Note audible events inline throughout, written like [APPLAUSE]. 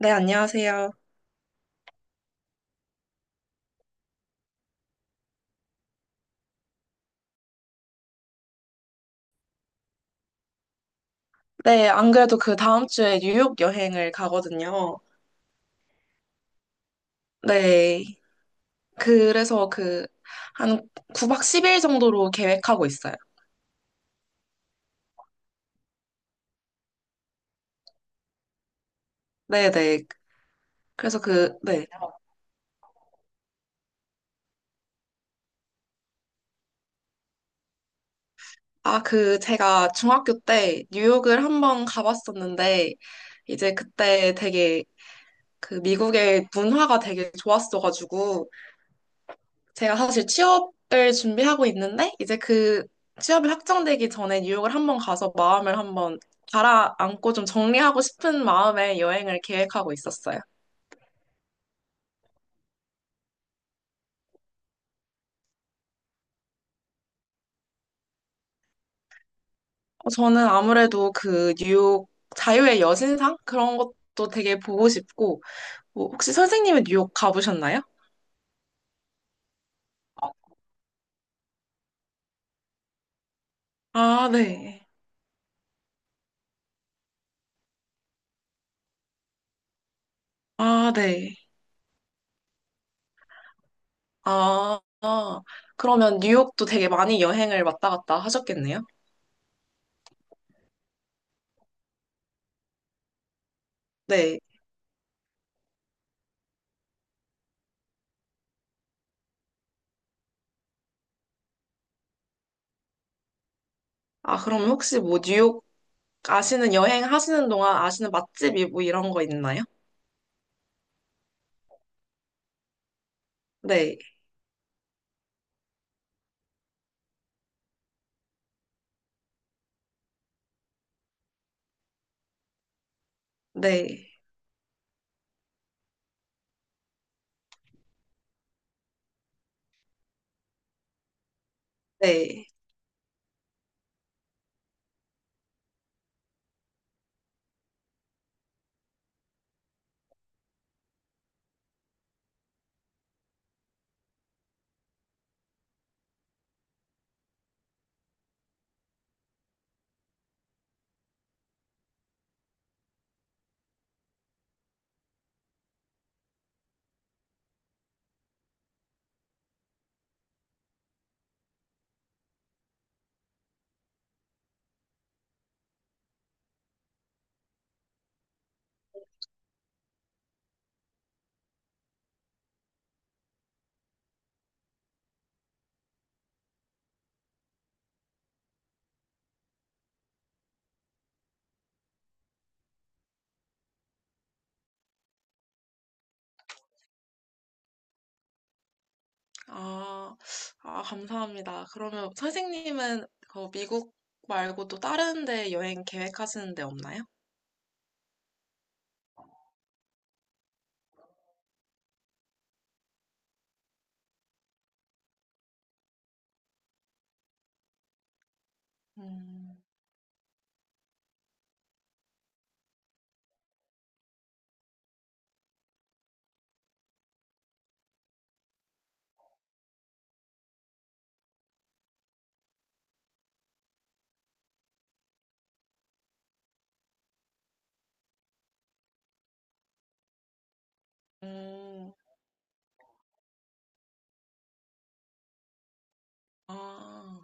네, 안녕하세요. 네, 안 그래도 그 다음 주에 뉴욕 여행을 가거든요. 네, 그래서 그 한 9박 10일 정도로 계획하고 있어요. 네, 네. 그래서 그, 네. 아, 그 제가 중학교 때 뉴욕을 한번 가봤었는데, 이제 그때 되게 그 미국의 문화가 되게 좋았어가지고, 제가 사실 취업을 준비하고 있는데, 이제 그 취업이 확정되기 전에 뉴욕을 한번 가서 마음을 한번 가라앉고 좀 정리하고 싶은 마음에 여행을 계획하고 있었어요. 저는 아무래도 그 뉴욕 자유의 여신상? 그런 것도 되게 보고 싶고, 뭐 혹시 선생님은 뉴욕 가보셨나요? 아, 네. 아, 네. 아, 아. 그러면 뉴욕도 되게 많이 여행을 왔다 갔다 하셨겠네요? 네. 아, 그러면 혹시 뭐 뉴욕 아시는 여행 하시는 동안 아시는 맛집이 뭐 이런 거 있나요? 네, 네, 네. 아, 아, 감사합니다. 그러면 선생님은 그 미국 말고 또 다른 데 여행 계획하시는 데 없나요? 음, 음, 아,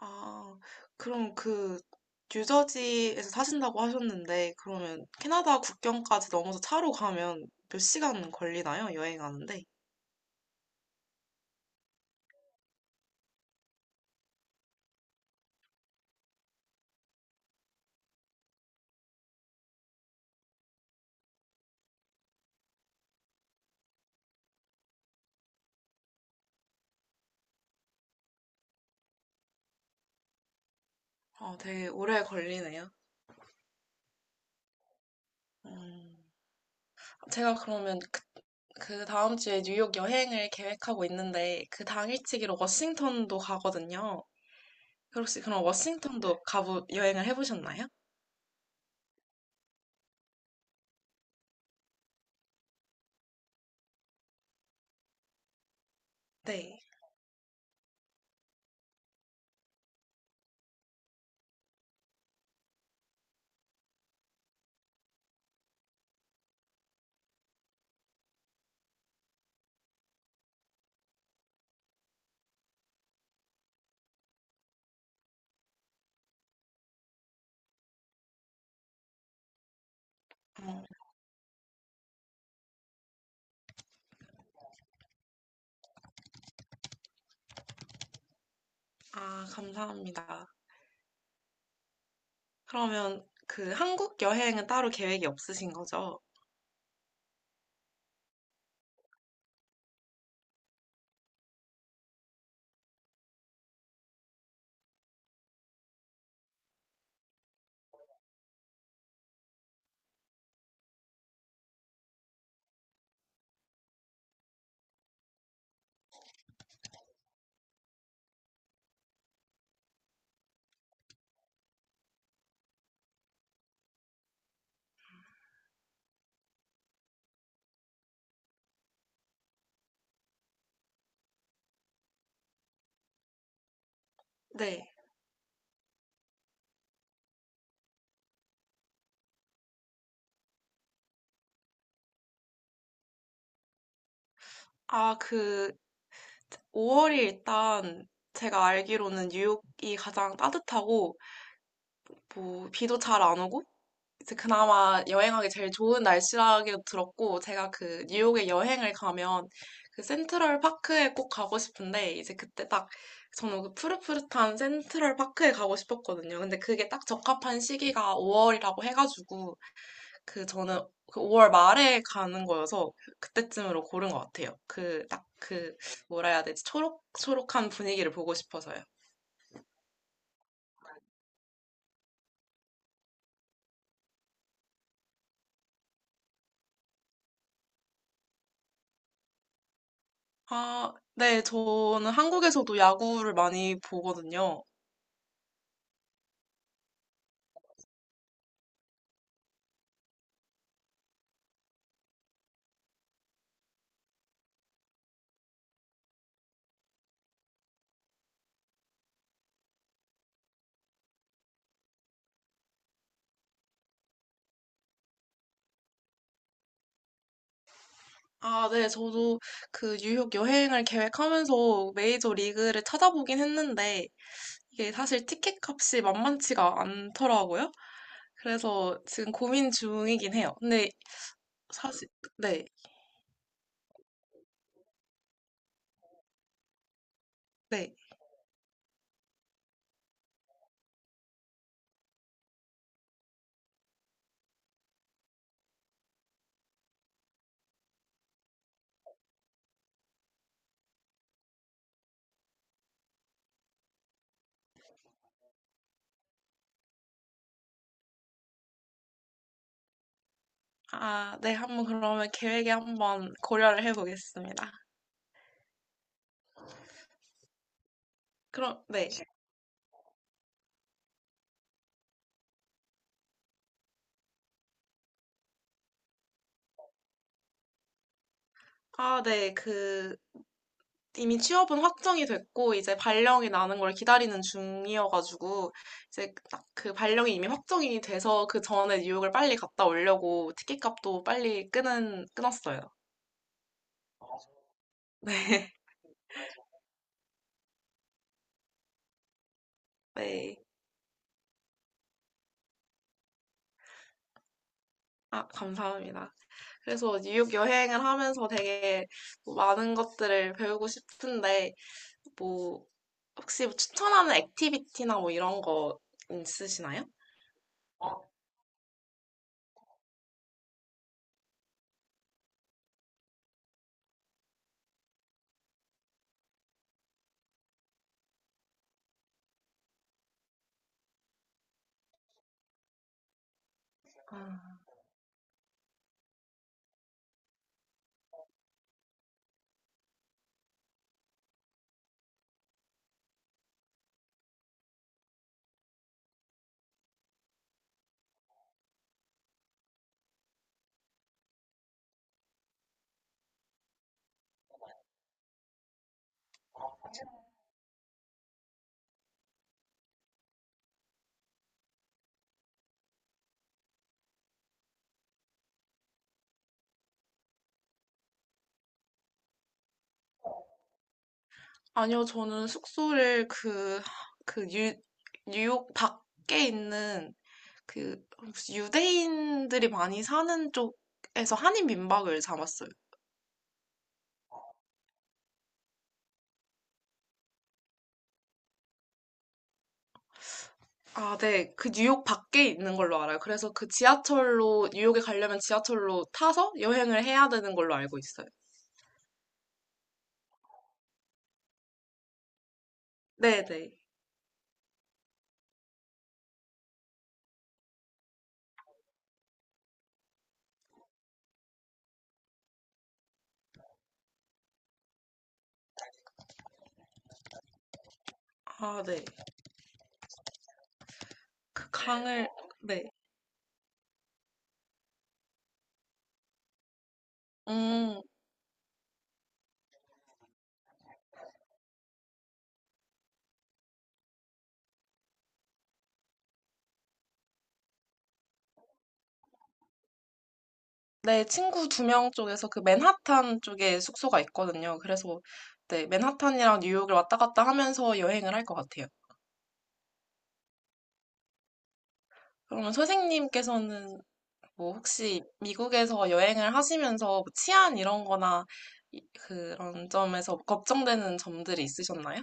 아, 그럼 그 뉴저지에서 사신다고 하셨는데 그러면 캐나다 국경까지 넘어서 차로 가면 몇 시간 걸리나요? 여행하는데? 아, 되게 오래 걸리네요. 음. 제가 그러면 그 다음 주에 뉴욕 여행을 계획하고 있는데 그 당일치기로 워싱턴도 가거든요. 혹시 그럼 워싱턴도 가보 여행을 해보셨나요? 네. 어, 아, 감사합니다. 그러면 그 한국 여행은 따로 계획이 없으신 거죠? 네. 아, 그 5월이 일단 제가 알기로는 뉴욕이 가장 따뜻하고 뭐 비도 잘 안 오고 이제 그나마 여행하기 제일 좋은 날씨라고 들었고, 제가 그 뉴욕에 여행을 가면 그 센트럴 파크에 꼭 가고 싶은데, 이제 그때 딱 저는 그 푸릇푸릇한 센트럴 파크에 가고 싶었거든요. 근데 그게 딱 적합한 시기가 5월이라고 해가지고, 그 저는 그 5월 말에 가는 거여서 그때쯤으로 고른 것 같아요. 그 딱 그 뭐라 해야 되지? 초록초록한 분위기를 보고 싶어서요. 아, 네, 저는 한국에서도 야구를 많이 보거든요. 아, 네, 저도 그 뉴욕 여행을 계획하면서 메이저 리그를 찾아보긴 했는데, 이게 사실 티켓 값이 만만치가 않더라고요. 그래서 지금 고민 중이긴 해요. 근데 사실, 네, 네. 아, 네, 한번 그러면 계획에 한번 고려를 해보겠습니다. 그럼, 네. 아, 네, 그, 이미 취업은 확정이 됐고 이제 발령이 나는 걸 기다리는 중이어가지고 이제 딱 그 발령이 이미 확정이 돼서 그 전에 뉴욕을 빨리 갔다 오려고 티켓값도 빨리 끄는 끊었어요. [LAUGHS] 네. 네. 아, 감사합니다. 그래서 뉴욕 여행을 하면서 되게 뭐 많은 것들을 배우고 싶은데 뭐 혹시 뭐 추천하는 액티비티나 뭐 이런 거 있으시나요? 아. 아니요, 저는 숙소를 그, 뉴욕 밖에 있는 그 혹시 유대인들이 많이 사는 쪽에서 한인 민박을 잡았어요. 아, 네. 그 뉴욕 밖에 있는 걸로 알아요. 그래서 그 지하철로, 뉴욕에 가려면 지하철로 타서 여행을 해야 되는 걸로 알고 있어요. 네네. 아, 네. 그 강을, 네. 음. 네, 친구 두 명 쪽에서 그 맨하탄 쪽에 숙소가 있거든요. 그래서 네, 맨하탄이랑 뉴욕을 왔다 갔다 하면서 여행을 할 것 같아요. 그러면 선생님께서는 뭐 혹시 미국에서 여행을 하시면서 뭐 치안 이런 거나 그런 점에서 걱정되는 점들이 있으셨나요?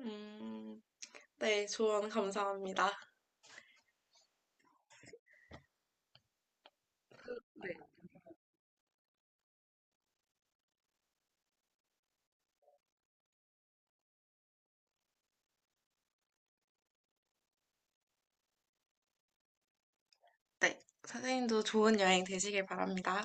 음, 네, 조언 감사합니다. 네, 선생님도 좋은 여행 되시길 바랍니다.